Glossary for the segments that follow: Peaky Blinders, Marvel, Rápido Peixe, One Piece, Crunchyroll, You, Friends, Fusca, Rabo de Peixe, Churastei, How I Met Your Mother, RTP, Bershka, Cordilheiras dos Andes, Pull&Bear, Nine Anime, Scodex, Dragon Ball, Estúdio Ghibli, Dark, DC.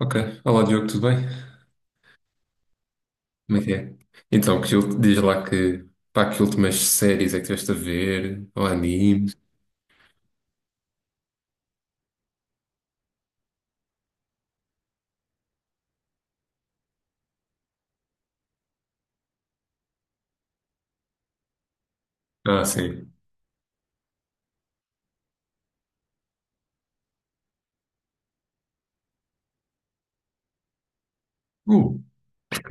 Ok. Olá, Diogo, tudo bem? Como é que é? Então, diz lá que, pá, que últimas séries é que estiveste a ver? Ou animes? Ah, sim. Uh, ok,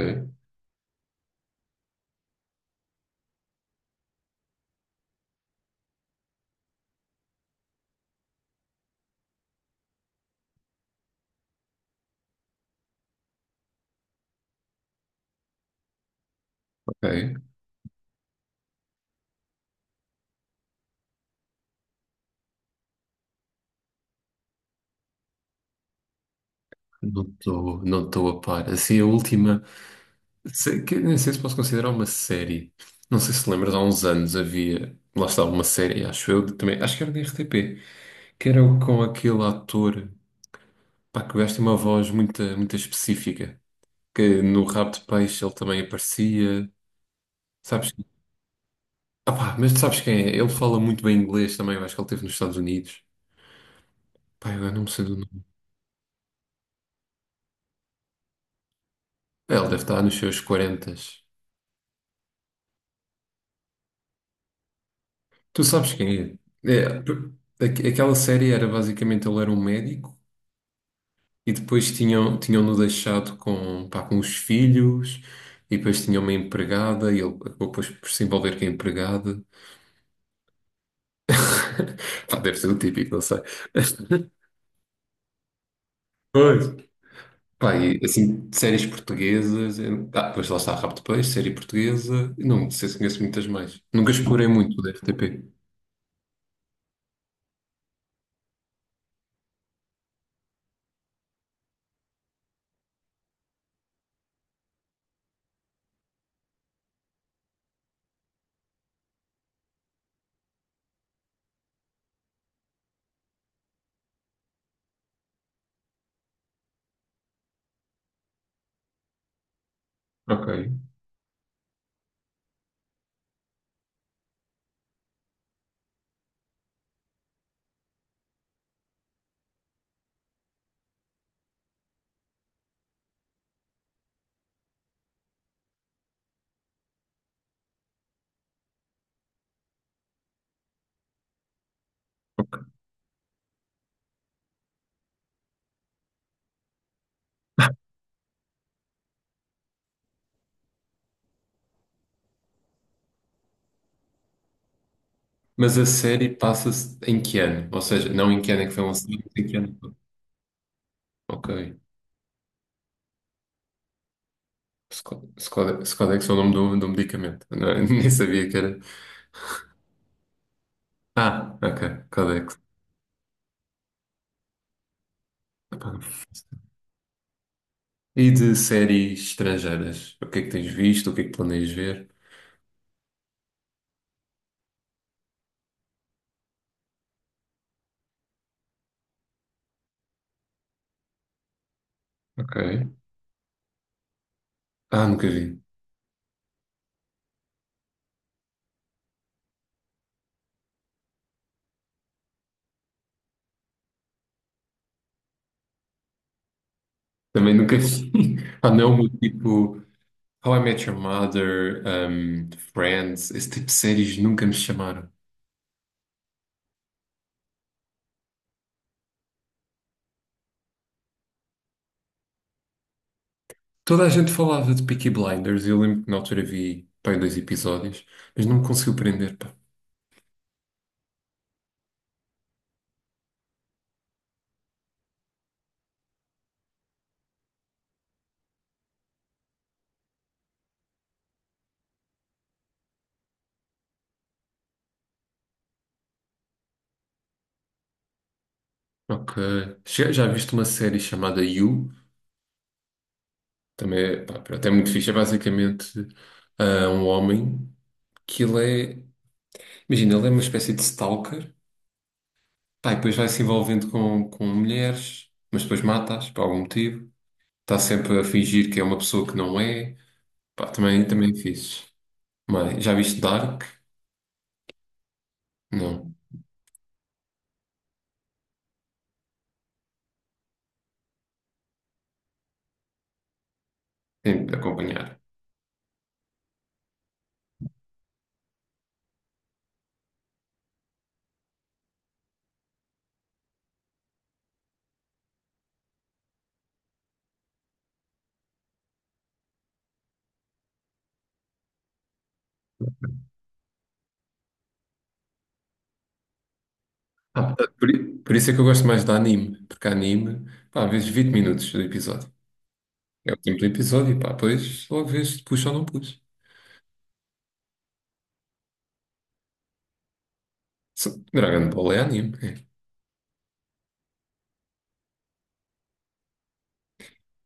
ok. Não estou a par. Assim, a última. Que, nem sei se posso considerar uma série. Não sei se lembras, há uns anos havia. Lá estava uma série, acho eu, também. Acho que era da RTP. Que era com aquele ator. Pá, que o gajo tem uma voz muito, muito específica. Que no Rabo de Peixe ele também aparecia. Sabes? Ah, pá, mas tu sabes quem é? Ele fala muito bem inglês também, eu acho que ele esteve nos Estados Unidos. Pá, eu não sei do nome. É, ele deve estar nos seus 40. Tu sabes quem é? É, aquela série era basicamente ele era um médico e depois tinham-no deixado com, pá, com os filhos e depois tinha uma empregada e ele acabou depois por se envolver com a empregada. Pá, deve ser o típico, não sei. Pois. Pá, e, assim, de séries portuguesas. Ah, depois lá está Rápido Peixe, série portuguesa. Não sei se conheço muitas mais. Nunca explorei muito o da RTP. Ok. Mas a série passa-se em que ano? Ou seja, não em que ano é que foi lançada mas em que ano? Ok. Scodex é o nome do medicamento. Nem sabia que era. Ah, ok. Codex. Epá. E de séries estrangeiras? O que é que tens visto? O que é que planeias ver? Ok. Ah, nunca vi. Também nunca vi. Ah, não, meu tipo. How I Met Your Mother, Friends, esse tipo de séries nunca me chamaram. Toda a gente falava de Peaky Blinders, e eu lembro que na altura vi, pá, dois episódios, mas não me conseguiu prender, pá. Ok. Já viste uma série chamada You? Também, é, pá, pronto, é muito fixe. É basicamente um homem que ele é. Imagina, ele é uma espécie de stalker, pá, e depois vai se envolvendo com, mulheres, mas depois mata-as por algum motivo. Está sempre a fingir que é uma pessoa que não é. Pá, também, também é fixe. Mas já viste Dark? Não. Tem de acompanhar. Ah, portanto, por isso é que eu gosto mais de anime, porque anime, pá, às vezes 20 minutos do episódio. É o tempo do episódio, pá, depois logo vês se puxa ou não puxa. Dragon Ball é anime. É.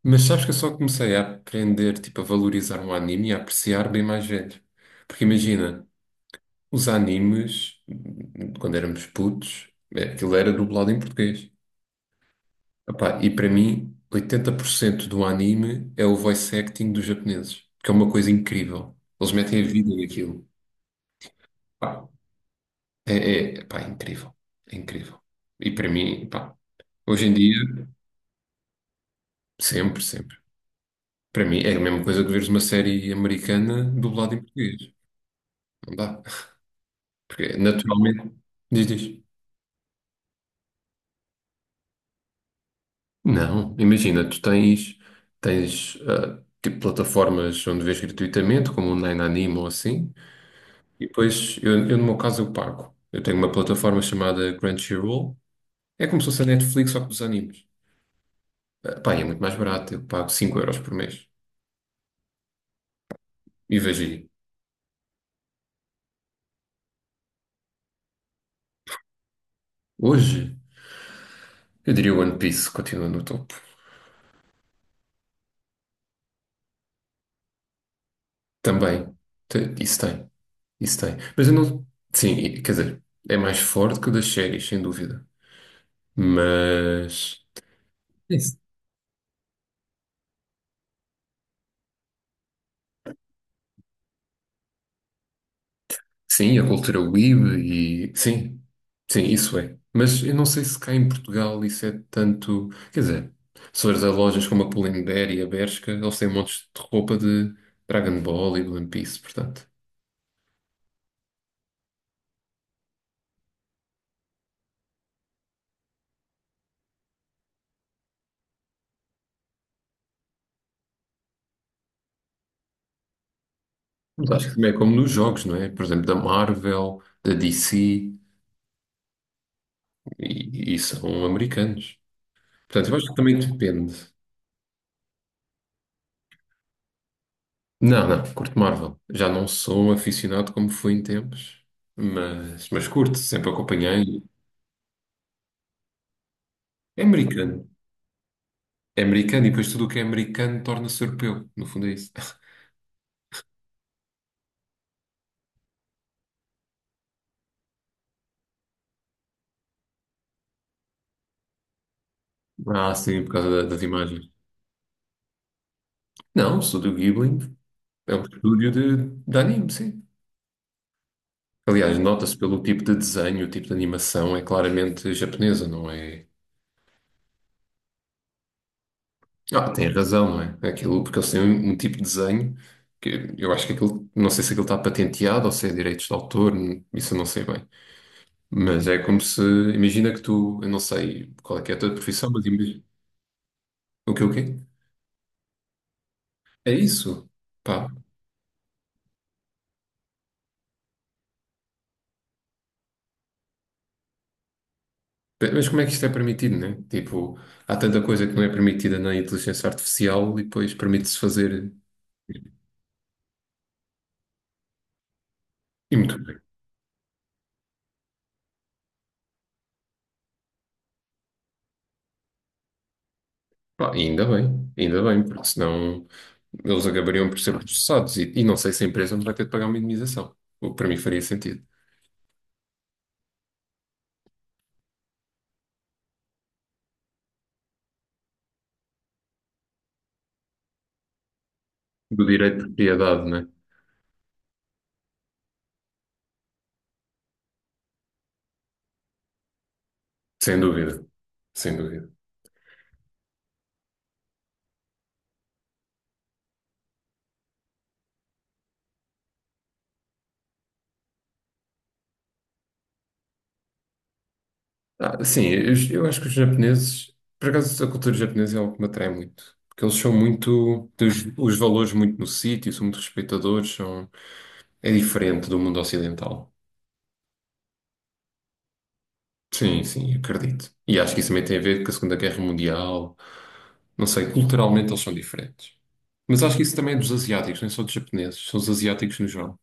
Mas sabes que eu só comecei a aprender, tipo, a valorizar um anime e a apreciar bem mais velho. Porque imagina, os animes, quando éramos putos, é, aquilo era dublado em português. Epá, e para mim, 80% do anime é o voice acting dos japoneses, que é uma coisa incrível. Eles metem a vida naquilo. Pá, é incrível. É incrível. E para mim, pá, hoje em dia, sempre, sempre. Para mim, é a mesma coisa que veres uma série americana dublada em português. Não dá. Porque, naturalmente, diz, diz. Não, imagina, tu tens, tens tipo plataformas onde vês gratuitamente, como o Nine Anime ou assim. E depois, eu no meu caso, eu pago. Eu tenho uma plataforma chamada Crunchyroll. É como se fosse a Netflix, só que dos animes. Ah, pá, e é muito mais barato. Eu pago 5 euros por mês. E vejo aí. Hoje, eu diria One Piece continua no topo. Também. Isso tem. Isso tem. Mas eu não... Sim, quer dizer, é mais forte que o das séries, sem dúvida. Mas... Sim, a cultura weeb e sim, sim, isso é. Mas eu não sei se cá em Portugal isso é tanto. Quer dizer, se fores a lojas como a Pull&Bear e a Bershka, eles têm montes de roupa de Dragon Ball e de One Piece, portanto. Mas acho que também é como nos jogos, não é? Por exemplo, da Marvel, da DC e são americanos. Portanto, eu acho que também depende. Não, não, curto Marvel. Já não sou um aficionado como fui em tempos, mas, curto, sempre acompanhei. É americano. É americano e depois tudo o que é americano torna-se europeu. No fundo é isso. Ah, sim, por causa das imagens. Não, o Estúdio Ghibli é um estúdio de anime, sim. Aliás, nota-se pelo tipo de desenho, o tipo de animação, é claramente japonesa, não é? Ah, tem razão, não é? Aquilo, porque eles têm um tipo de desenho que eu acho que aquilo, não sei se aquilo está patenteado ou se é direitos de autor, isso eu não sei bem. Mas é como se, imagina que tu, eu não sei qual é que é a tua profissão, mas imagina. O quê, o quê? É isso. Pá, mas como é que isto é permitido, né? Tipo, há tanta coisa que não é permitida na inteligência artificial e depois permite-se fazer. E muito bem. Pá, e ainda bem, porque senão eles acabariam por ser processados e não sei se a empresa não vai ter de pagar uma indemnização. O que para mim faria sentido. Do direito de propriedade, né? Sem dúvida, sem dúvida. Ah, sim, eu acho que os japoneses, por acaso a cultura japonesa é algo que me atrai muito, porque eles são muito, têm os valores muito no sítio, são muito respeitadores. É diferente do mundo ocidental. Sim, sim, acredito. E acho que isso também tem a ver com a Segunda Guerra Mundial. Não sei, culturalmente eles são diferentes. Mas acho que isso também é dos asiáticos, não é só dos japoneses, são os asiáticos no geral.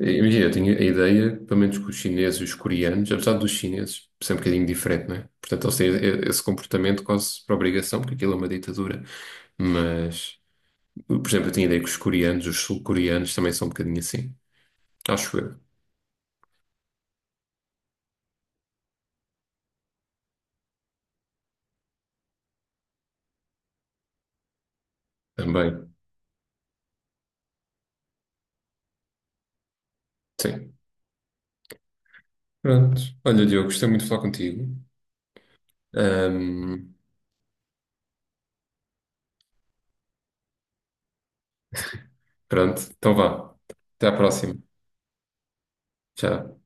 E, imagina, eu tinha a ideia, pelo menos com os chineses e os coreanos, apesar dos chineses ser um bocadinho diferente, não é? Portanto, eles têm esse comportamento quase por obrigação, porque aquilo é uma ditadura. Mas, por exemplo, eu tinha a ideia que os coreanos, os sul-coreanos também são um bocadinho assim. Acho eu. Também. Sim. Pronto. Olha, Diogo, gostei muito de falar contigo. Ahm, pronto, então vá. Até à próxima. Tchau.